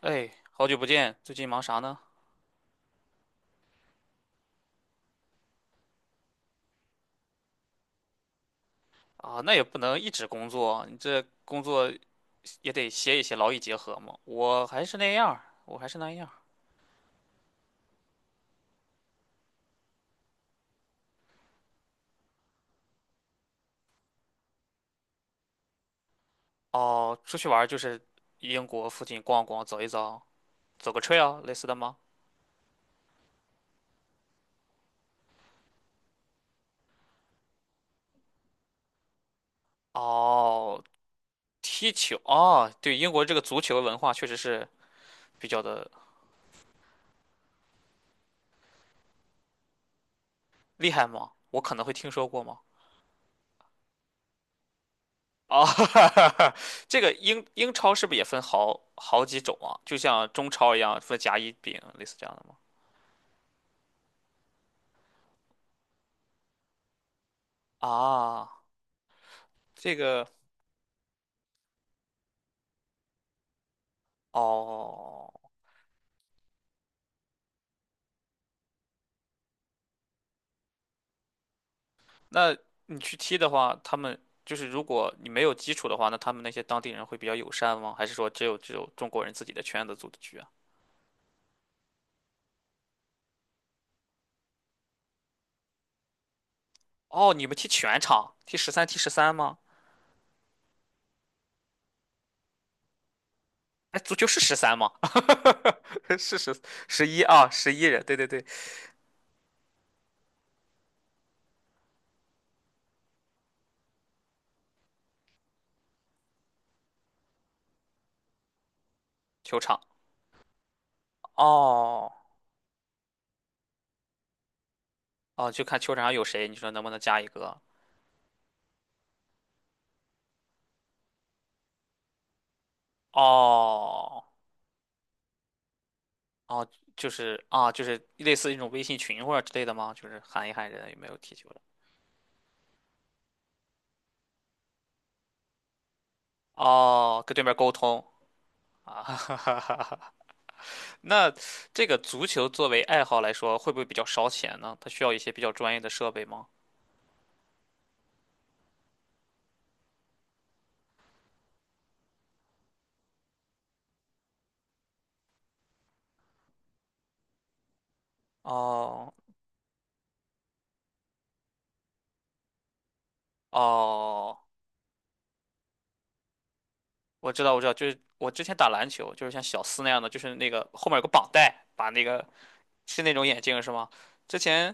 哎，好久不见，最近忙啥呢？啊，那也不能一直工作，你这工作也得歇一歇，劳逸结合嘛。我还是那样儿。哦，出去玩儿就是英国附近逛逛，走一走，走个 trail 类似的吗？哦，踢球，哦，对，英国这个足球文化确实是比较的厉害吗？我可能会听说过吗？哦，这个英超是不是也分好几种啊？就像中超一样分甲乙丙，类似这样的吗？啊，这个哦，那你去踢的话，他们就是如果你没有基础的话，那他们那些当地人会比较友善吗？还是说只有中国人自己的圈子组的局啊？哦，你们踢全场，踢十三吗？哎，足球是十三吗？是十一啊，11人，对对对，球场。哦哦，就看球场上有谁，你说能不能加一个？哦哦，就是啊，就是类似一种微信群或者之类的吗？就是喊一喊人有没有踢球。的。哦，跟对面沟通啊，哈哈哈哈。那这个足球作为爱好来说，会不会比较烧钱呢？它需要一些比较专业的设备吗？哦哦，我知道，我知道，就是我之前打篮球，就是像小斯那样的，就是那个后面有个绑带，把那个是那种眼镜是吗？之前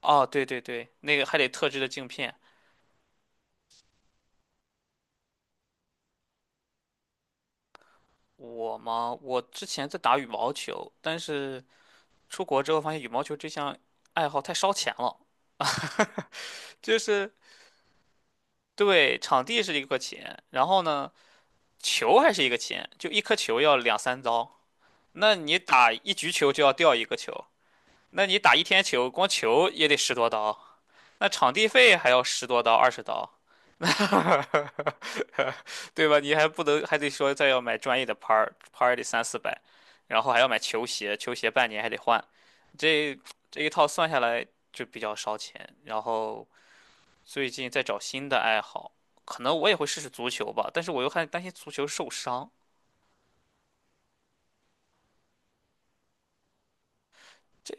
哦，对对对，那个还得特制的镜片。我嘛，我之前在打羽毛球，但是出国之后发现羽毛球这项爱好太烧钱了。就是对，场地是一个钱，然后呢，球还是一个钱，就一颗球要两三刀。那你打一局球就要掉一个球，那你打一天球，光球也得十多刀，那场地费还要十多刀、20刀，对吧？你还不能还得说再要买专业的拍儿，拍儿得三四百，然后还要买球鞋，球鞋半年还得换，这这一套算下来就比较烧钱。然后最近在找新的爱好，可能我也会试试足球吧，但是我又害担心足球受伤。这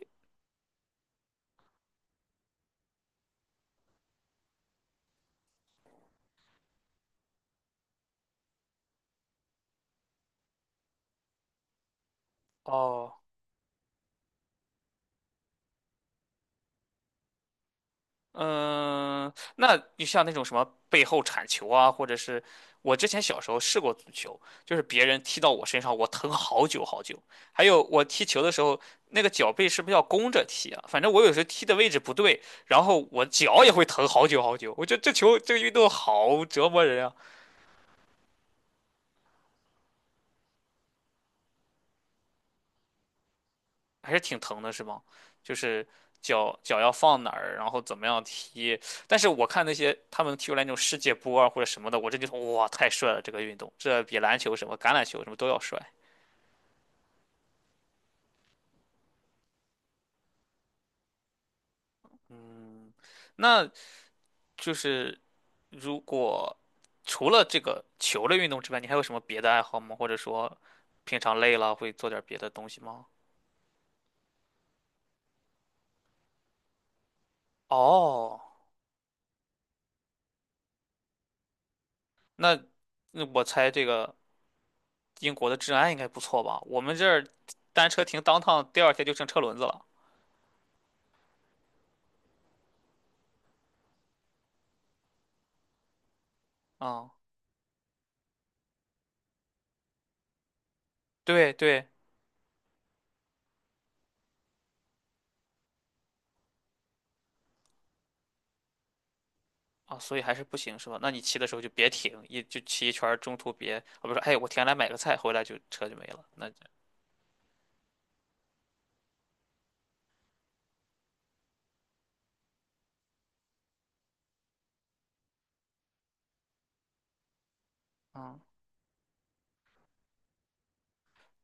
哦，嗯，那就像那种什么背后铲球啊，或者是我之前小时候试过足球，就是别人踢到我身上，我疼好久好久。还有我踢球的时候，那个脚背是不是要弓着踢啊？反正我有时候踢的位置不对，然后我脚也会疼好久好久。我觉得这个运动好折磨人啊。还是挺疼的，是吗？就是脚要放哪儿，然后怎么样踢。但是我看那些他们踢出来那种世界波啊或者什么的，我真觉得哇，太帅了！这个运动，这比篮球什么、橄榄球什么都要帅。那就是如果除了这个球类运动之外，你还有什么别的爱好吗？或者说平常累了会做点别的东西吗？哦，那那我猜这个英国的治安应该不错吧？我们这儿单车停当趟，第二天就剩车轮子了。啊。对对啊，所以还是不行是吧？那你骑的时候就别停，一就骑一圈儿中途别我不是，哎，我停下来买个菜，回来就车就没了。那嗯，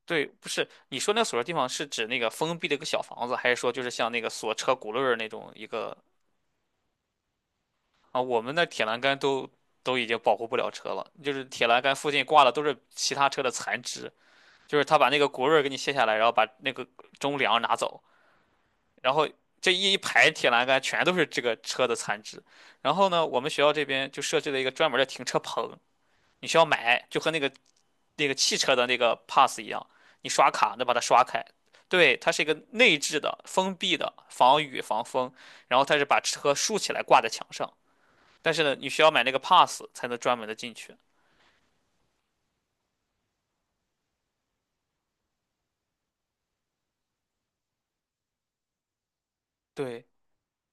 对，不是你说那个锁的地方是指那个封闭的一个小房子，还是说就是像那个锁车轱辘儿那种一个啊？我们那铁栏杆都已经保护不了车了，就是铁栏杆附近挂的都是其他车的残肢，就是他把那个轱辘儿给你卸下来，然后把那个中梁拿走，然后这一排铁栏杆全都是这个车的残值。然后呢，我们学校这边就设置了一个专门的停车棚，你需要买，就和那个汽车的那个 pass 一样，你刷卡能把它刷开。对，它是一个内置的、封闭的，防雨防风，然后它是把车竖起来挂在墙上。但是呢，你需要买那个 pass 才能专门的进去。对，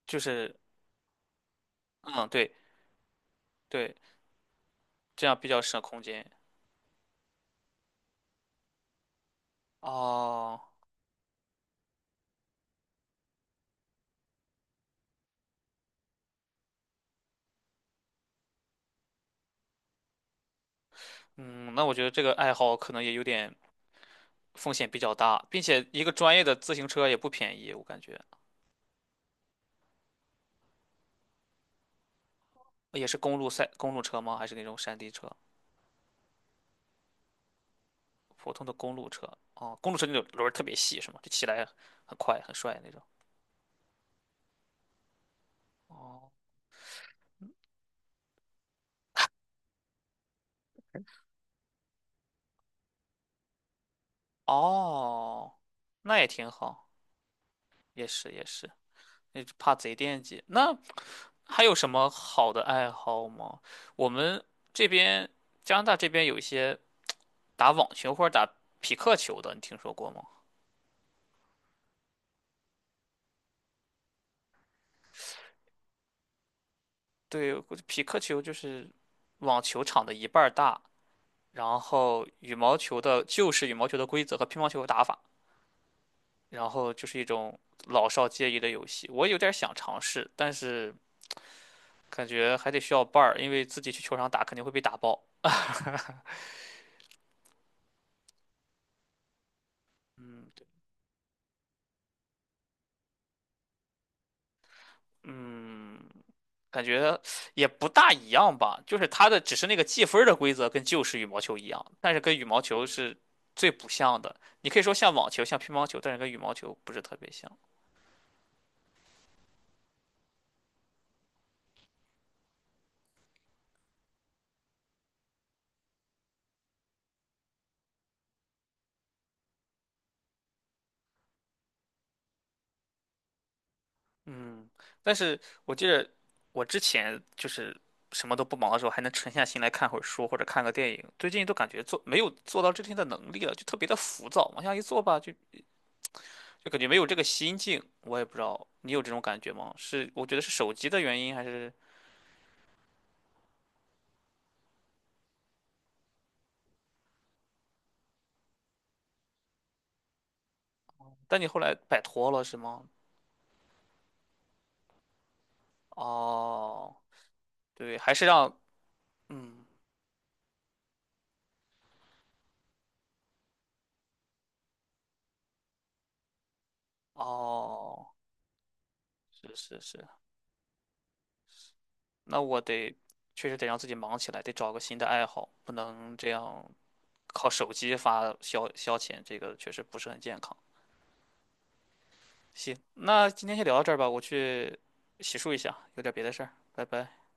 就是，嗯，对对，这样比较省空间。哦，嗯，那我觉得这个爱好可能也有点。风险比较大，并且一个专业的自行车也不便宜，我感觉也是公路车吗？还是那种山地车？普通的公路车哦，公路车那种轮儿特别细是吗？就骑来很快很帅那种。哦哦，那也挺好，也是也是，那就怕贼惦记。那还有什么好的爱好吗？我们这边加拿大这边有一些打网球或者打匹克球的，你听说过吗？对，我觉得匹克球就是网球场的一半儿大，然后羽毛球的就是羽毛球的规则和乒乓球的打法，然后就是一种老少皆宜的游戏。我有点想尝试，但是感觉还得需要伴儿，因为自己去球场打肯定会被打爆。嗯，对嗯，感觉也不大一样吧，就是它的只是那个计分儿的规则跟旧式羽毛球一样，但是跟羽毛球是最不像的。你可以说像网球、像乒乓球，但是跟羽毛球不是特别像。嗯，但是我记得我之前就是什么都不忙的时候，还能沉下心来看会儿书或者看个电影。最近都感觉没有做到这天的能力了，就特别的浮躁。往下一坐吧，就感觉没有这个心境。我也不知道你有这种感觉吗？是我觉得是手机的原因，还是但你后来摆脱了是吗？哦，对，还是让嗯，哦，是是是，那我得确实得让自己忙起来，得找个新的爱好，不能这样靠手机发消遣，这个确实不是很健康。行，那今天先聊到这儿吧，我去洗漱一下，有点别的事儿，拜拜。